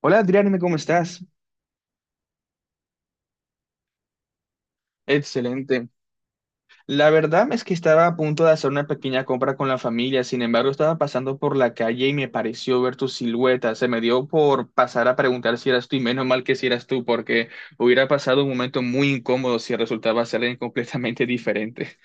Hola Adrián, ¿cómo estás? Excelente. La verdad es que estaba a punto de hacer una pequeña compra con la familia, sin embargo estaba pasando por la calle y me pareció ver tu silueta. Se me dio por pasar a preguntar si eras tú y menos mal que si eras tú, porque hubiera pasado un momento muy incómodo si resultaba ser alguien completamente diferente.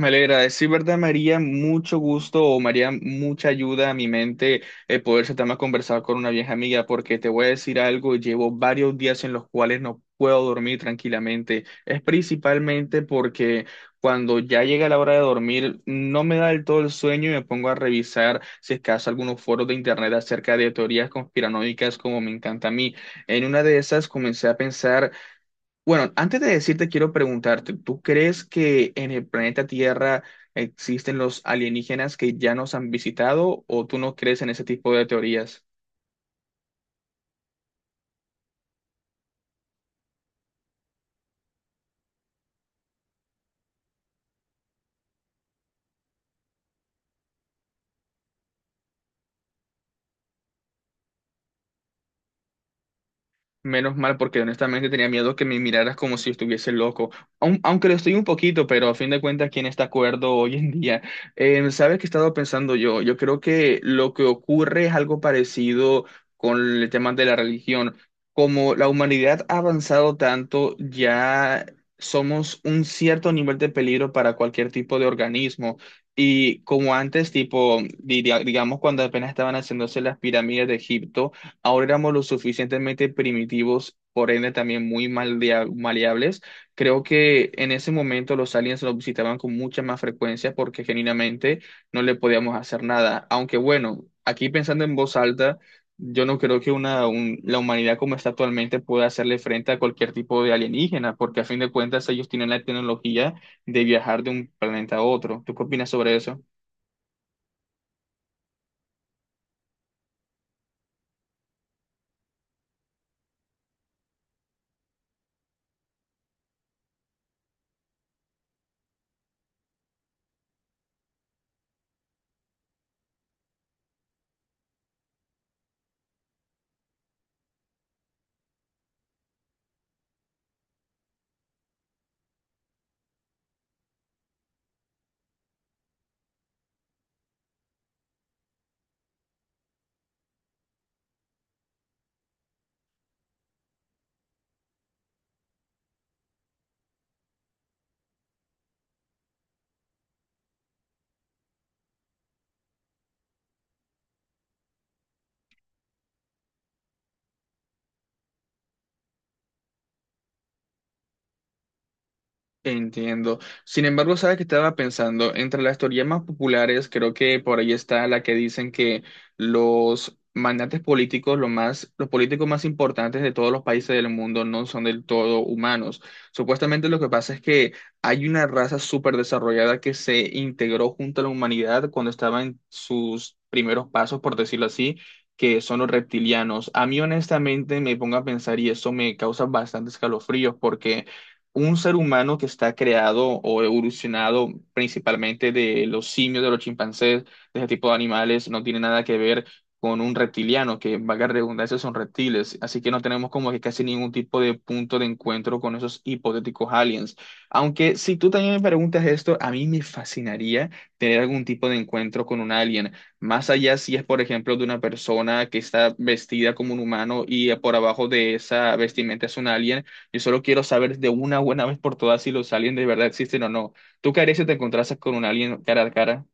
Me alegra, es sí, verdad, María, mucho gusto o María, mucha ayuda a mi mente poder sentarme a conversar con una vieja amiga, porque te voy a decir algo, llevo varios días en los cuales no puedo dormir tranquilamente. Es principalmente porque cuando ya llega la hora de dormir, no me da del todo el sueño y me pongo a revisar, si es que acaso, algunos foros de internet acerca de teorías conspiranoicas como me encanta a mí. En una de esas comencé a pensar. Bueno, antes de decirte, quiero preguntarte, ¿tú crees que en el planeta Tierra existen los alienígenas que ya nos han visitado o tú no crees en ese tipo de teorías? Menos mal, porque honestamente tenía miedo que me miraras como si estuviese loco. Aunque lo estoy un poquito, pero a fin de cuentas, ¿quién está acuerdo hoy en día? ¿Sabes qué he estado pensando yo? Yo creo que lo que ocurre es algo parecido con el tema de la religión. Como la humanidad ha avanzado tanto, ya somos un cierto nivel de peligro para cualquier tipo de organismo. Y como antes, tipo, digamos, cuando apenas estaban haciéndose las pirámides de Egipto, ahora éramos lo suficientemente primitivos, por ende también muy maleables. Creo que en ese momento los aliens nos visitaban con mucha más frecuencia porque genuinamente no le podíamos hacer nada. Aunque bueno, aquí pensando en voz alta, yo no creo que la humanidad como está actualmente pueda hacerle frente a cualquier tipo de alienígena, porque a fin de cuentas ellos tienen la tecnología de viajar de un planeta a otro. ¿Tú qué opinas sobre eso? Entiendo. Sin embargo, sabes que estaba pensando, entre las teorías más populares, creo que por ahí está la que dicen que los magnates políticos, lo más, los políticos más importantes de todos los países del mundo no son del todo humanos. Supuestamente lo que pasa es que hay una raza súper desarrollada que se integró junto a la humanidad cuando estaba en sus primeros pasos, por decirlo así, que son los reptilianos. A mí honestamente me pongo a pensar y eso me causa bastantes escalofríos porque un ser humano que está creado o evolucionado principalmente de los simios, de los chimpancés, de ese tipo de animales, no tiene nada que ver con un reptiliano, que valga la redundancia, son reptiles. Así que no tenemos como que casi ningún tipo de punto de encuentro con esos hipotéticos aliens. Aunque si tú también me preguntas esto, a mí me fascinaría tener algún tipo de encuentro con un alien. Más allá si es, por ejemplo, de una persona que está vestida como un humano y por abajo de esa vestimenta es un alien. Yo solo quiero saber de una buena vez por todas si los aliens de verdad existen o no. ¿Tú qué harías si te encontrases con un alien cara a cara?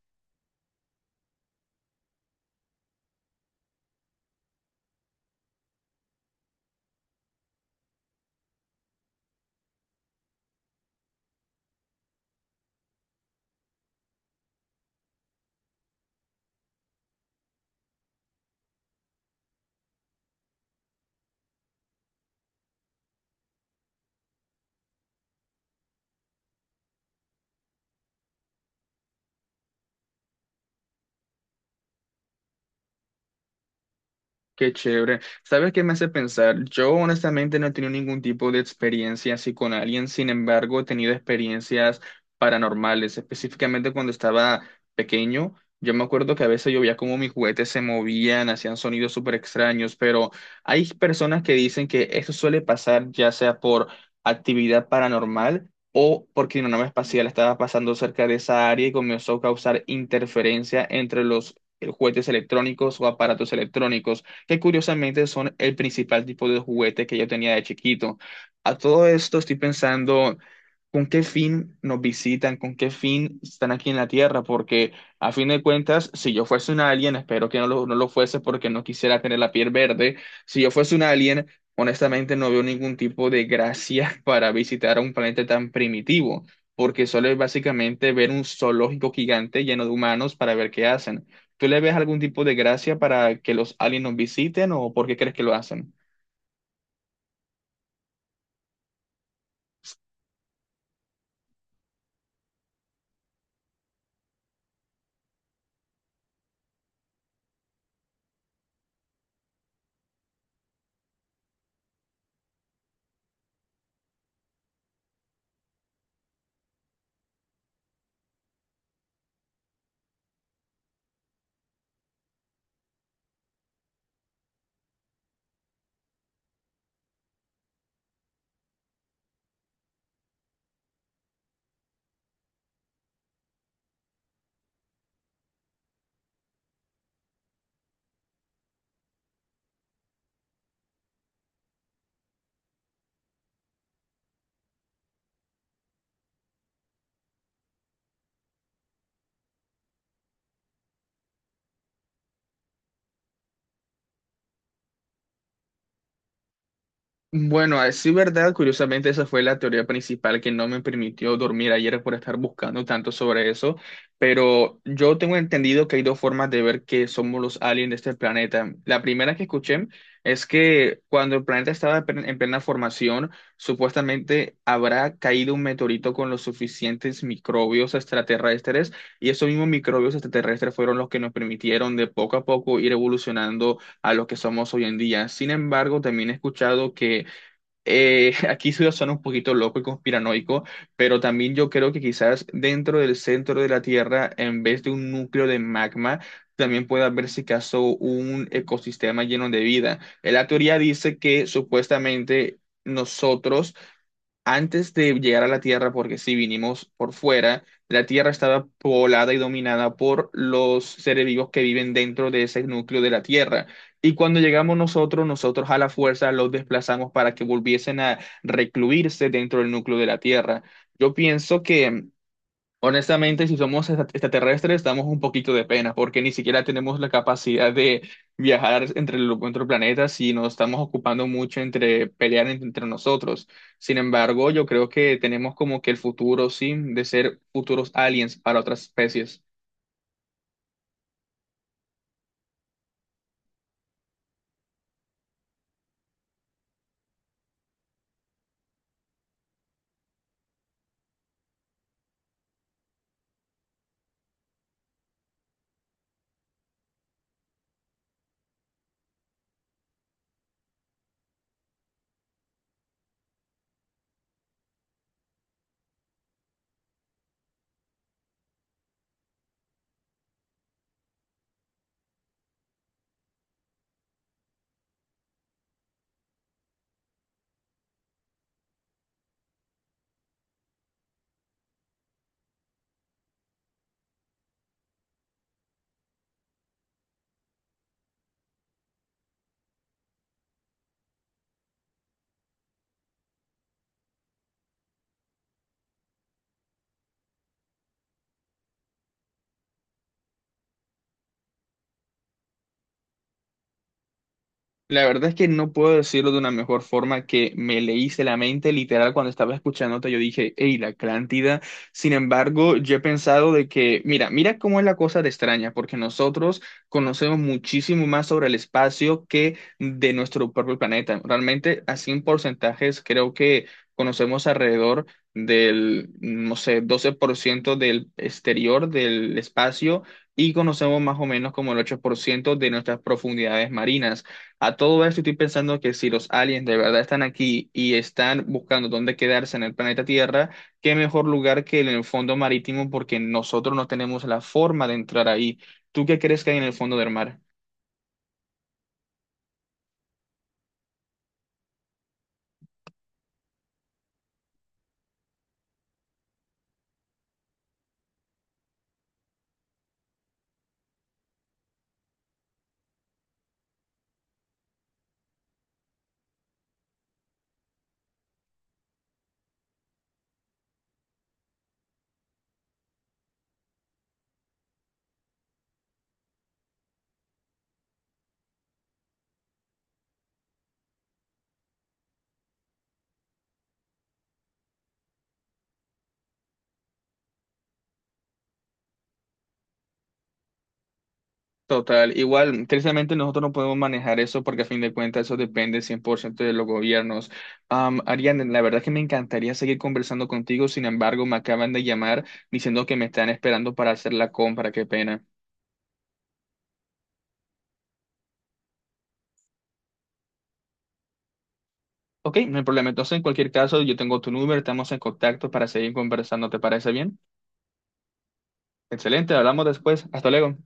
Qué chévere. ¿Sabes qué me hace pensar? Yo honestamente no he tenido ningún tipo de experiencia así con alguien, sin embargo, he tenido experiencias paranormales, específicamente cuando estaba pequeño. Yo me acuerdo que a veces yo veía como mis juguetes se movían, hacían sonidos súper extraños, pero hay personas que dicen que eso suele pasar ya sea por actividad paranormal o porque una nave espacial estaba pasando cerca de esa área y comenzó a causar interferencia entre los juguetes electrónicos o aparatos electrónicos que curiosamente son el principal tipo de juguete que yo tenía de chiquito. A todo esto estoy pensando con qué fin nos visitan, con qué fin están aquí en la Tierra, porque a fin de cuentas, si yo fuese un alien, espero que no lo fuese porque no quisiera tener la piel verde, si yo fuese un alien, honestamente no veo ningún tipo de gracia para visitar a un planeta tan primitivo, porque solo es básicamente ver un zoológico gigante lleno de humanos para ver qué hacen. ¿Tú le ves algún tipo de gracia para que los aliens nos visiten o por qué crees que lo hacen? Bueno, a decir verdad, curiosamente esa fue la teoría principal que no me permitió dormir ayer por estar buscando tanto sobre eso, pero yo tengo entendido que hay dos formas de ver que somos los aliens de este planeta. La primera que escuché es que cuando el planeta estaba en en plena formación, supuestamente habrá caído un meteorito con los suficientes microbios extraterrestres y esos mismos microbios extraterrestres fueron los que nos permitieron de poco a poco ir evolucionando a lo que somos hoy en día. Sin embargo, también he escuchado que aquí se suena un poquito loco y conspiranoico, pero también yo creo que quizás dentro del centro de la Tierra, en vez de un núcleo de magma, también puede haber, si caso, un ecosistema lleno de vida. La teoría dice que supuestamente nosotros antes de llegar a la Tierra, porque si vinimos por fuera, la Tierra estaba poblada y dominada por los seres vivos que viven dentro de ese núcleo de la Tierra. Y cuando llegamos nosotros, nosotros a la fuerza los desplazamos para que volviesen a recluirse dentro del núcleo de la Tierra. Yo pienso que honestamente, si somos extraterrestres, damos un poquito de pena, porque ni siquiera tenemos la capacidad de viajar entre los otros planetas y nos estamos ocupando mucho entre pelear entre nosotros. Sin embargo, yo creo que tenemos como que el futuro, sí, de ser futuros aliens para otras especies. La verdad es que no puedo decirlo de una mejor forma que me leíste la mente, literal, cuando estaba escuchándote, yo dije, hey, la Atlántida. Sin embargo, yo he pensado de que, mira, mira cómo es la cosa de extraña, porque nosotros conocemos muchísimo más sobre el espacio que de nuestro propio planeta. Realmente, así en porcentajes, creo que conocemos alrededor del, no sé, 12% del exterior del espacio y conocemos más o menos como el 8% de nuestras profundidades marinas. A todo esto estoy pensando que si los aliens de verdad están aquí y están buscando dónde quedarse en el planeta Tierra, qué mejor lugar que en el fondo marítimo porque nosotros no tenemos la forma de entrar ahí. ¿Tú qué crees que hay en el fondo del mar? Total, igual, tristemente nosotros no podemos manejar eso porque a fin de cuentas eso depende 100% de los gobiernos. Ariane, la verdad es que me encantaría seguir conversando contigo, sin embargo, me acaban de llamar diciendo que me están esperando para hacer la compra, qué pena. Ok, no hay problema. Entonces, en cualquier caso, yo tengo tu número, estamos en contacto para seguir conversando. ¿Te parece bien? Excelente, hablamos después. Hasta luego.